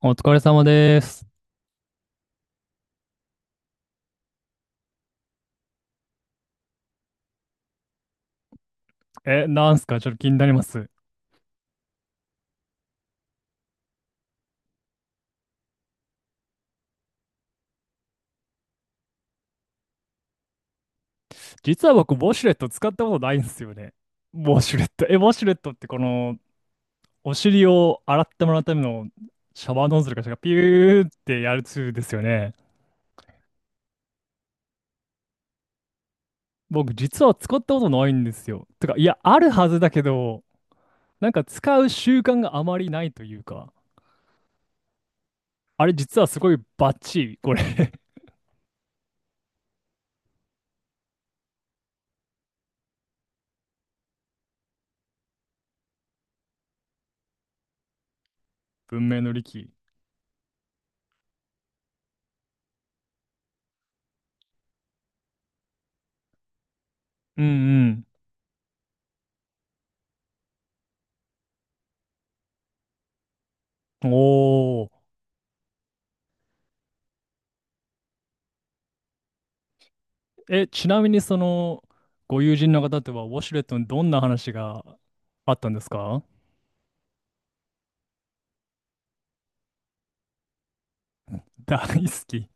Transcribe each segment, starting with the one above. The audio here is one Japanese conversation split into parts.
お疲れ様です。え、なんすかちょっと気になります。実は僕、ウォシュレット使ったことないんですよね。ウォシュレット。え、ウォシュレットってこの、お尻を洗ってもらうためのシャワーノズルかしらピューってやるツールですよね。僕、実は使ったことないんですよ。てか、いや、あるはずだけど、なんか使う習慣があまりないというか、あれ実はすごいバッチリ、これ 文明の利器。うんうん。おー。え、ちなみにその、ご友人の方とは、ウォシュレットにどんな話があったんですか。大好き。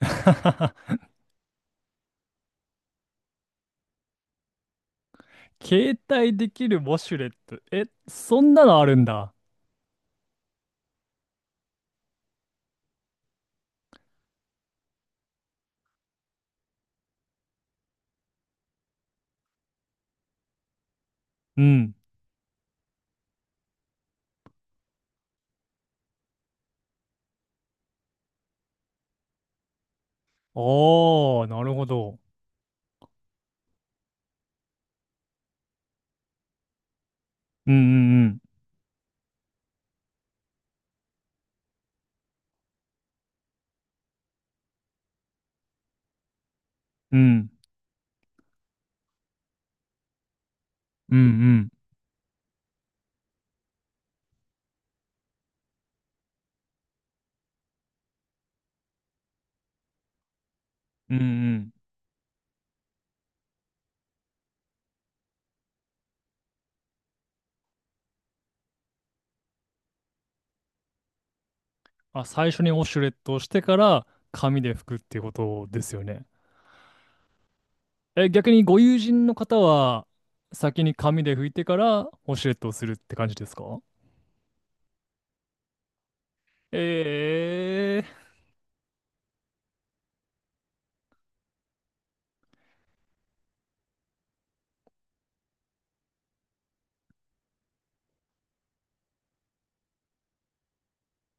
携帯できるウォシュレット。え、そんなのあるんだ。うん。おー、なるほど。うんうんうん。うんうんうん。うんうん。あ、最初にウォシュレットをしてから、紙で拭くっていうことですよね。え、逆にご友人の方は、先に紙で拭いてから、ウォシュレットをするって感じですか？ええ。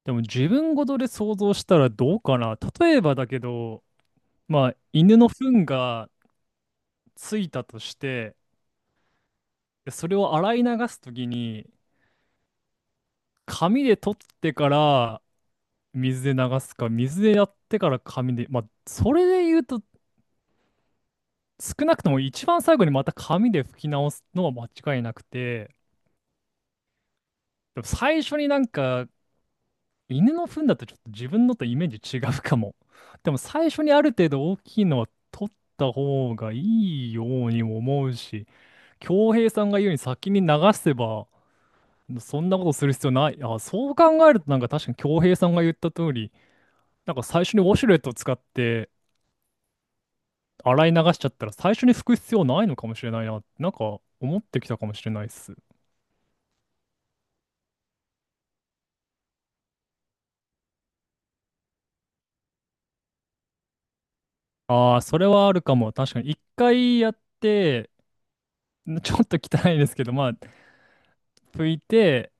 でも自分ごとで想像したらどうかな。例えばだけど、まあ、犬の糞がついたとして、それを洗い流すときに、紙で取ってから水で流すか、水でやってから紙で、まあ、それで言うと、少なくとも一番最後にまた紙で拭き直すのは間違いなくて、でも最初になんか犬の糞だとちょっと自分のとイメージ違うかも。でも最初にある程度大きいのは取った方がいいようにも思うし、恭平さんが言うように先に流せば、そんなことする必要ない。あ、そう考えるとなんか確かに恭平さんが言った通り、なんか最初にウォシュレットを使って洗い流しちゃったら最初に拭く必要ないのかもしれないな、なんか思ってきたかもしれないっす。ああ、それはあるかも。確かに一回やって、ちょっと汚いですけど、まあ、拭いて、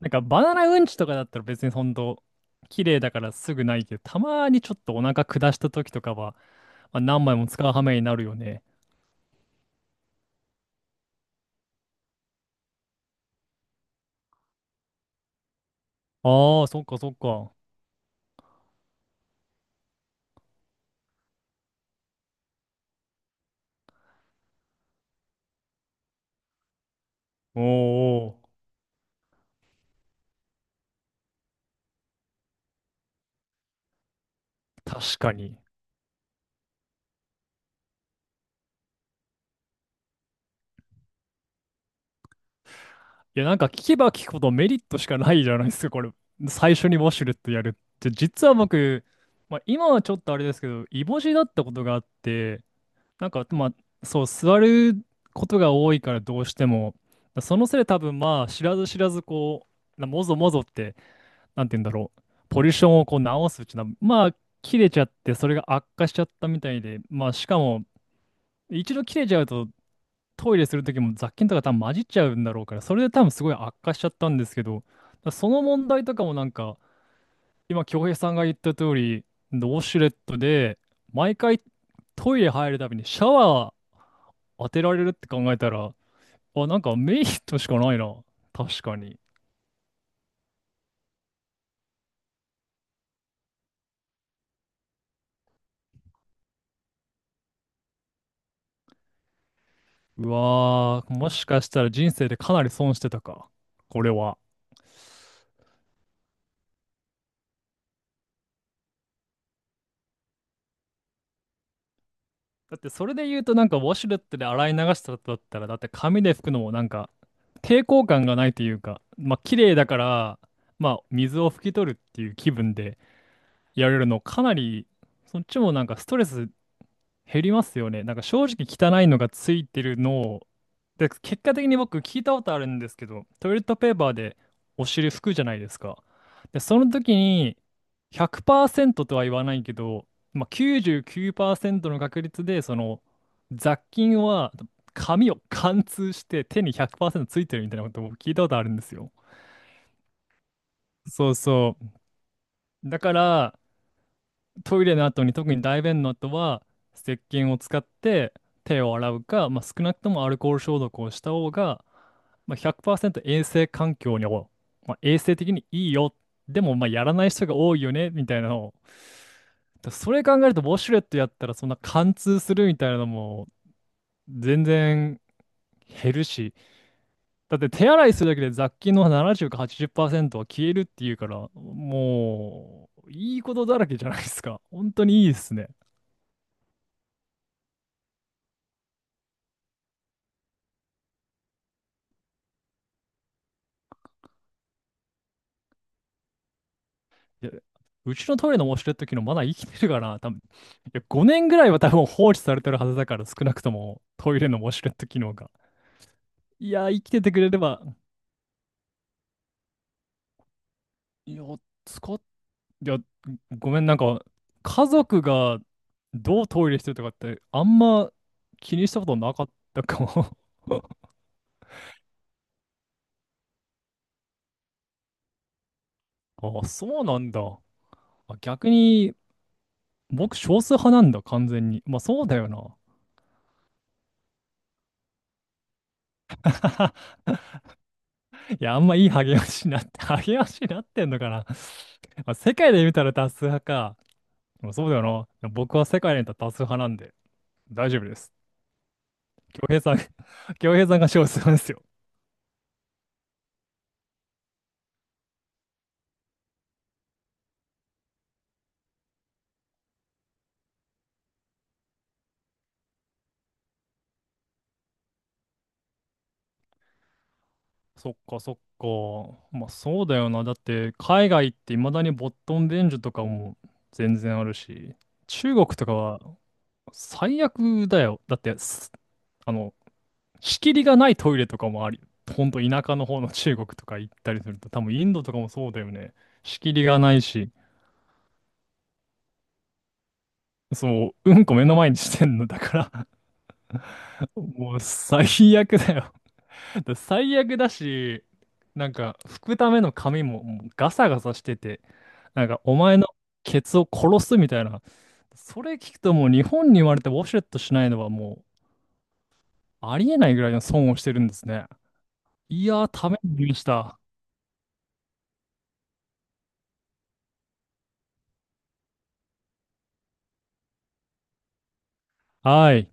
なんかバナナうんちとかだったら別にほんと綺麗だからすぐないけど、たまにちょっとお腹下した時とかは、まあ、何枚も使う羽目になるよね。ああ、そっかそっか。おーおー、確かに。いや、なんか聞けば聞くほどメリットしかないじゃないですか、これ。最初にウォシュレットやるって。実は僕、まあ、今はちょっとあれですけど、イボ痔だったことがあって、なんか、まあ、そう、座ることが多いからどうしても、そのせいで多分まあ、知らず知らずこう、なもぞもぞって、なんて言うんだろう、ポジションをこう直すうちな、まあ、切れちゃって、それが悪化しちゃったみたいで、まあ、しかも、一度切れちゃうと、トイレするときも雑菌とか多分混じっちゃうんだろうから、それで多分すごい悪化しちゃったんですけど、その問題とかもなんか、今、京平さんが言った通り、ウォシュレットで、毎回トイレ入るたびにシャワー当てられるって考えたら、あ、なんかメリットしかないな。確かに。うわー、もしかしたら人生でかなり損してたか。これは。だってそれで言うとなんかウォシュレットで洗い流した後だったら、だって紙で拭くのもなんか抵抗感がないというか、まあ綺麗だから、まあ水を拭き取るっていう気分でやれるのかなり、そっちもなんかストレス減りますよね。なんか正直汚いのがついてるのを、で、結果的に僕聞いたことあるんですけど、トイレットペーパーでお尻拭くじゃないですか。で、その時に100%とは言わないけど、まあ、99%の確率でその雑菌は紙を貫通して手に100%ついてるみたいなことを僕聞いたことあるんですよ。そうそう。だから、トイレの後に特に大便の後は石鹸を使って手を洗うか、まあ、少なくともアルコール消毒をした方が、まあ、100%衛生環境にも、まあ、衛生的にいいよ。でもまあやらない人が多いよねみたいなのを。だそれ考えるとウォシュレットやったらそんな貫通するみたいなのも全然減るし、だって手洗いするだけで雑菌の70か80%は消えるっていうから、もういいことだらけじゃないですか。本当にいいですね。いや、うちのトイレのウォシュレット機能まだ生きてるかな多分。いや、5年ぐらいは多分放置されてるはずだから、少なくともトイレのウォシュレット機能が。いや、生きててくれれば、いや、使っ、いや、ごめん、なんか、家族がどうトイレしてるとかって、あんま気にしたことなかったかも。あ、そうなんだ。あ逆に、僕少数派なんだ、完全に。まあ、そうだよな。いや、あんまいい励ましになって、励ましになってんのかな。まあ、世界で見たら多数派か。でもそうだよな。でも僕は世界で見たら多数派なんで、大丈夫です。恭平さん、恭平さんが少数派ですよ。そっかそっか。まあそうだよな。だって海外って未だにボットン伝授とかも全然あるし、中国とかは最悪だよ。だってす、あの、仕切りがないトイレとかもあり、ほんと田舎の方の中国とか行ったりすると、多分インドとかもそうだよね。仕切りがないし、そう、うんこ目の前にしてんの。だから もう最悪だよ。だから最悪だし、なんか拭くための紙ももうガサガサしてて、なんかお前のケツを殺すみたいな。それ聞くともう日本に生まれてウォシュレットしないのはもうありえないぐらいの損をしてるんですね。いやー、ためになりました。はい。